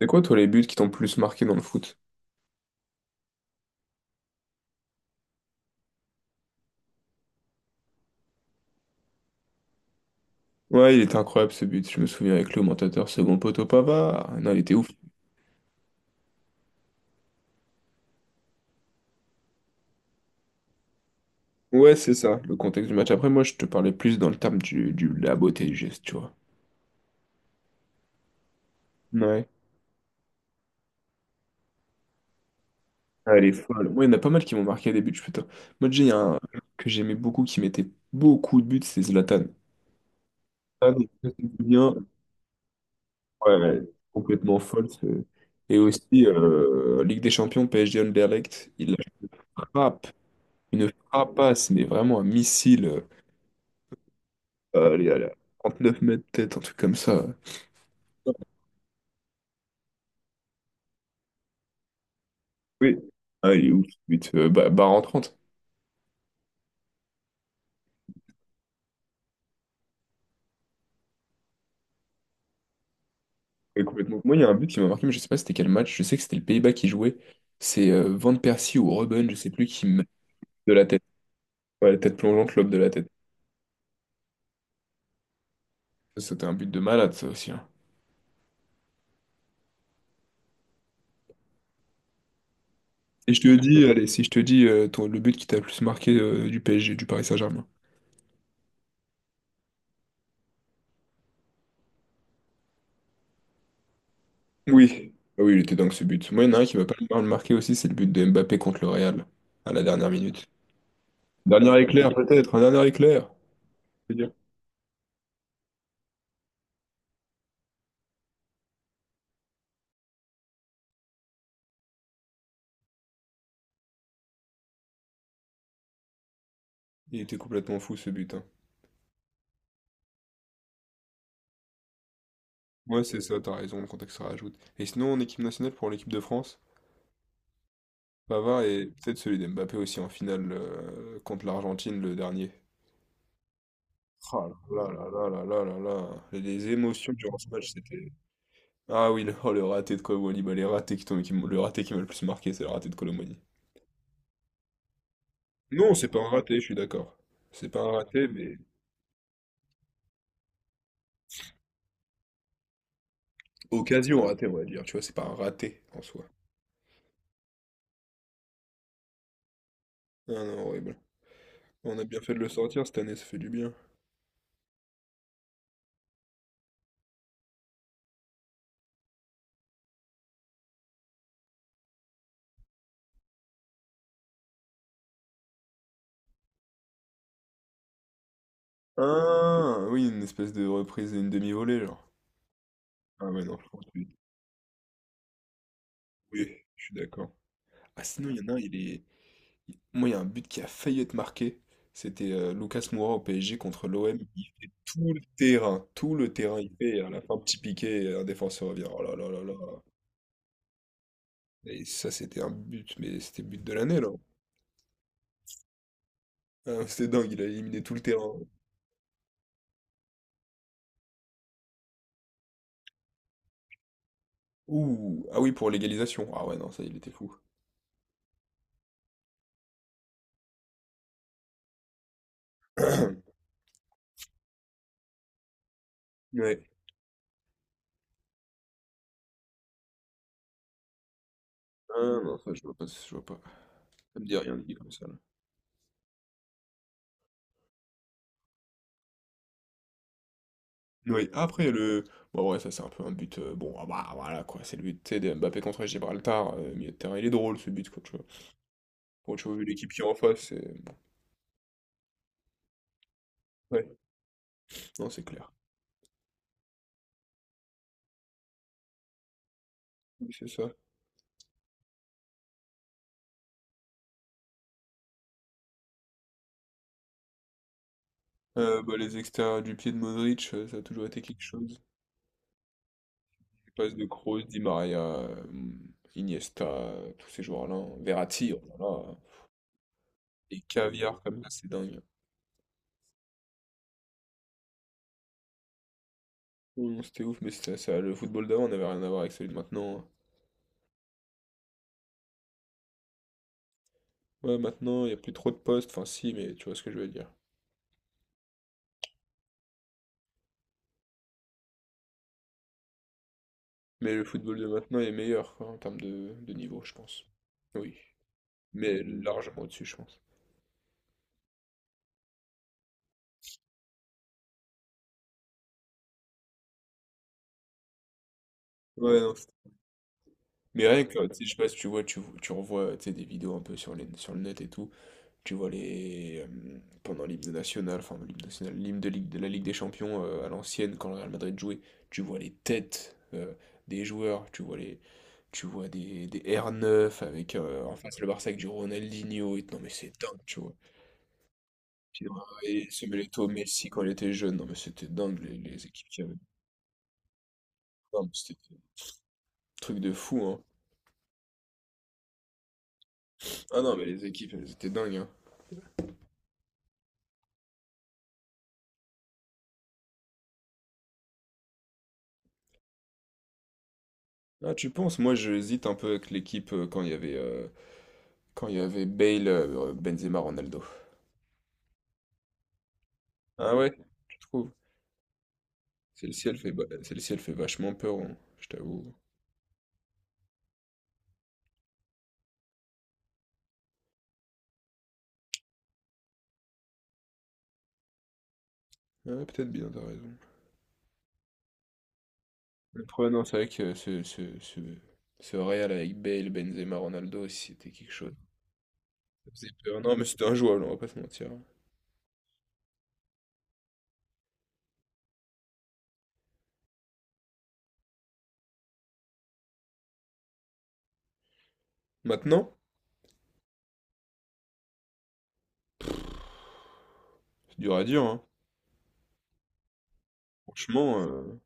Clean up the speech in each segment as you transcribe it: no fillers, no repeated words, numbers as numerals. C'est quoi, toi, les buts qui t'ont le plus marqué dans le foot? Ouais, il était incroyable ce but. Je me souviens avec l'augmentateur, second poteau Pavard. Non, il était ouf. Ouais, c'est ça, le contexte du match. Après, moi, je te parlais plus dans le terme de la beauté du geste, tu vois. Ouais. Ah, elle est folle. Moi, il y en a pas mal qui m'ont marqué à des buts. Putain. Moi, déjà, il y a un que j'aimais beaucoup qui mettait beaucoup de buts, c'est Zlatan. Zlatan, je sais bien. Ouais, complètement folle. Et aussi, Ligue des Champions, PSG Anderlecht, il la frappe. Une frappasse, mais vraiment un missile. Allez, allez, 9 mètres tête, un truc comme ça. Oui. Ah, il est ouf, ce but. Bah, barre en 30. Ouais, complètement. Moi, il y a un but qui m'a marqué, mais je sais pas c'était quel match. Je sais que c'était le Pays-Bas qui jouait. C'est Van Persie ou Robben, je sais plus, qui me de la tête. Ouais, la tête plongeante, lobe de la tête. Ça, c'était un but de malade, ça aussi, hein. Et je te dis, allez, si je te dis le but qui t'a le plus marqué du PSG, du Paris Saint-Germain. Oui. Ah oui, il était dingue ce but. Moi, il y en a un qui m'a pas mal marqué aussi, c'est le but de Mbappé contre le Real, à la dernière minute. Dernier éclair, peut-être, un dernier éclair. Il était complètement fou ce but, hein. Ouais, c'est ça, t'as raison, le contexte se rajoute. Et sinon, en équipe nationale pour l'équipe de France, Pavard et peut-être celui d'Mbappé aussi en finale contre l'Argentine le dernier. Ah là là là là là là là. Les émotions durant ce match, c'était. Ah oui, oh, le raté de Colomboigny, bah les ratés qui t'ont- qui m'ont- le raté qui m'a le plus marqué, c'est le raté de Colomboigny. Non, c'est pas un raté, je suis d'accord. C'est pas un raté, mais occasion ratée, on va dire. Tu vois, c'est pas un raté en soi. Ah non, horrible. On a bien fait de le sortir cette année, ça fait du bien. Ah, oui, une espèce de reprise et une demi-volée, genre. Ah ouais, non, je pense que oui, oui, je suis d'accord. Ah, sinon, il y en a un, Moi, il y a un but qui a failli être marqué. C'était Lucas Moura au PSG contre l'OM. Il fait tout le terrain, il fait, et à la fin, petit piqué, et un défenseur revient. Oh là là là là. Et ça, c'était un but, mais c'était but de l'année, là. Ah, c'était dingue, il a éliminé tout le terrain. Ouh, ah oui, pour l'égalisation. Ah ouais, non, ça, il était fou. Ouais. Ah non, ça, je vois pas, je vois pas. Ça me dit rien, dit comme ça, là. Oui, après, le. Bon, ouais, ça, c'est un peu un but. Bon, ah bah voilà, quoi. C'est le but, tu sais, de Mbappé contre Gibraltar. Milieu de terrain, il est drôle, ce but, quoi. Tu vois, bon, tu vois, vu l'équipe qui est en face, c'est. Ouais, non, c'est clair. Oui, c'est ça. Bah, les extérieurs du pied de Modric, ça a toujours été quelque chose. Les passes de Kroos, Di Maria, Iniesta, tous ces joueurs-là, hein. Verratti, oh là là. Les caviars comme ça, c'est dingue. Oh non, c'était ouf, mais c'était ça, le football d'avant n'avait rien à voir avec celui de maintenant, hein. Ouais, maintenant, il n'y a plus trop de postes. Enfin, si, mais tu vois ce que je veux dire. Mais le football de maintenant est meilleur quoi, en termes de niveau, je pense. Oui, mais largement au-dessus, je pense. Ouais, non, mais rien que, tu sais, je sais pas si tu vois, tu revois tu sais, des vidéos un peu sur le net et tout, tu vois les. Pendant l'hymne national, enfin l'hymne national, l'hymne de la Ligue des Champions à l'ancienne, quand le Real Madrid jouait, tu vois les têtes des joueurs, tu vois des R9 avec en face le Barça avec du Ronaldinho et non mais c'est dingue, tu vois. Puis, et ce Benito Messi quand il était jeune, non mais c'était dingue les équipes qu'il y avait. Non, mais c'était des trucs de fou, hein. Ah non, mais les équipes, elles étaient dingues, hein. Ah, tu penses? Moi, j'hésite un peu avec l'équipe quand il y avait Bale, Benzema, Ronaldo. Ah ouais, tu trouves? Celle-ci, elle fait vachement peur, hein, je t'avoue. Ah ouais, peut-être bien, t'as raison. Le problème, non, c'est vrai que ce Real avec Bale, Benzema, Ronaldo, c'était quelque chose. Ça faisait peur. Non, mais c'était injouable, on va pas se mentir, hein. Maintenant, c'est dur à dire, hein. Franchement,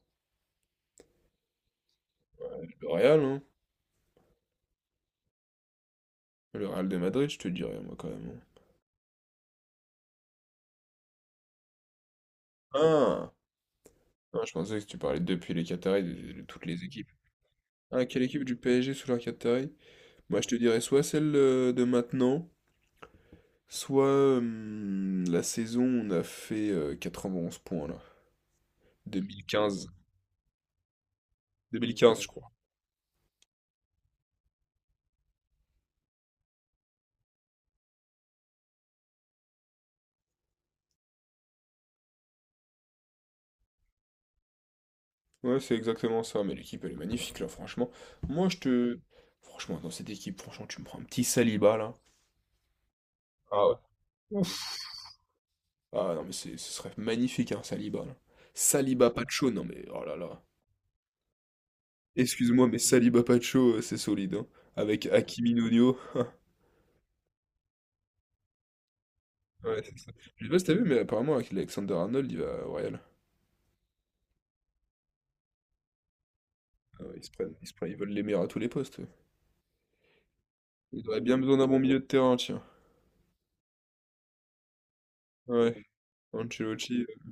ouais, le Real, hein. Le Real de Madrid, je te dirais, moi, quand même, hein. Ah, Ah, je pensais que tu parlais depuis les Qataris, de toutes les équipes. Ah, quelle équipe du PSG sous leur Qataris? Moi, je te dirais soit celle de maintenant, soit la saison où on a fait 91 points, là. 2015. 2015, je crois. Ouais, c'est exactement ça, mais l'équipe, elle est magnifique, là, franchement. Moi, je te... Franchement, dans cette équipe, franchement, tu me prends un petit Saliba, là. Ah ouais. Ouf. Ah non, mais ce serait magnifique, hein, Saliba, là. Saliba Pacho, non mais oh là là. Excuse-moi, mais Saliba Pacho, c'est solide, hein. Avec Hakimi Nuno. Ouais, c'est ça. Je sais pas si t'as vu, mais apparemment, avec Alexander Arnold, il va au Real. Ah ouais, ils veulent les meilleurs à tous les postes. Ils auraient bien besoin d'un bon milieu de terrain, tiens. Ouais, Ancelotti.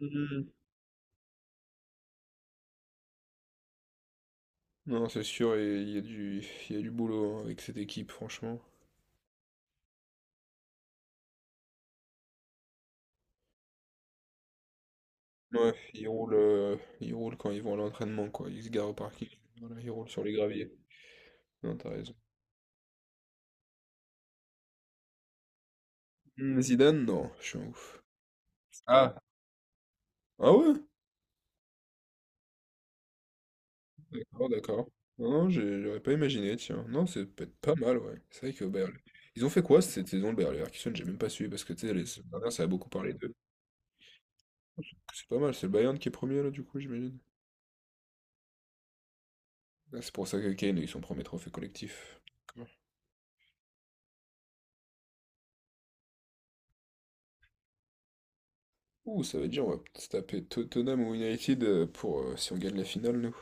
Mhm. Non, c'est sûr, et il y a du boulot hein, avec cette équipe, franchement. Ouais, ils roulent quand ils vont à l'entraînement, quoi. Ils se garent au parking. Voilà, ils roulent sur les graviers. Non, t'as raison. Mmh, Zidane, non, je suis un ouf. Ah, Ah ouais? D'accord, d'accord. Non, non, j'aurais pas imaginé, tiens. Non, c'est peut-être pas mal, ouais. C'est vrai que Bayer... Ils ont fait quoi cette saison, le Bayer Leverkusen? J'ai même pas suivi parce que tu sais, les saisons dernières, ça a beaucoup parlé d'eux. C'est pas mal, c'est le Bayern qui est premier là, du coup, j'imagine. Ah, c'est pour ça que Kane a eu son premier trophée collectif. D'accord. Ouh, ça veut dire on va se taper Tottenham ou United pour si on gagne la finale, nous.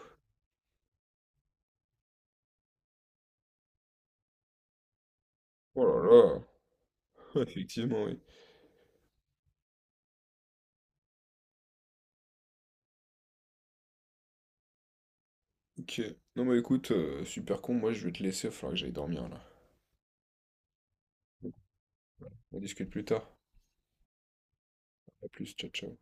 Oh là là, effectivement, oui. Ok. Non, bah écoute, super con, moi je vais te laisser, il va falloir que j'aille dormir là. On discute plus tard. À plus, ciao, ciao.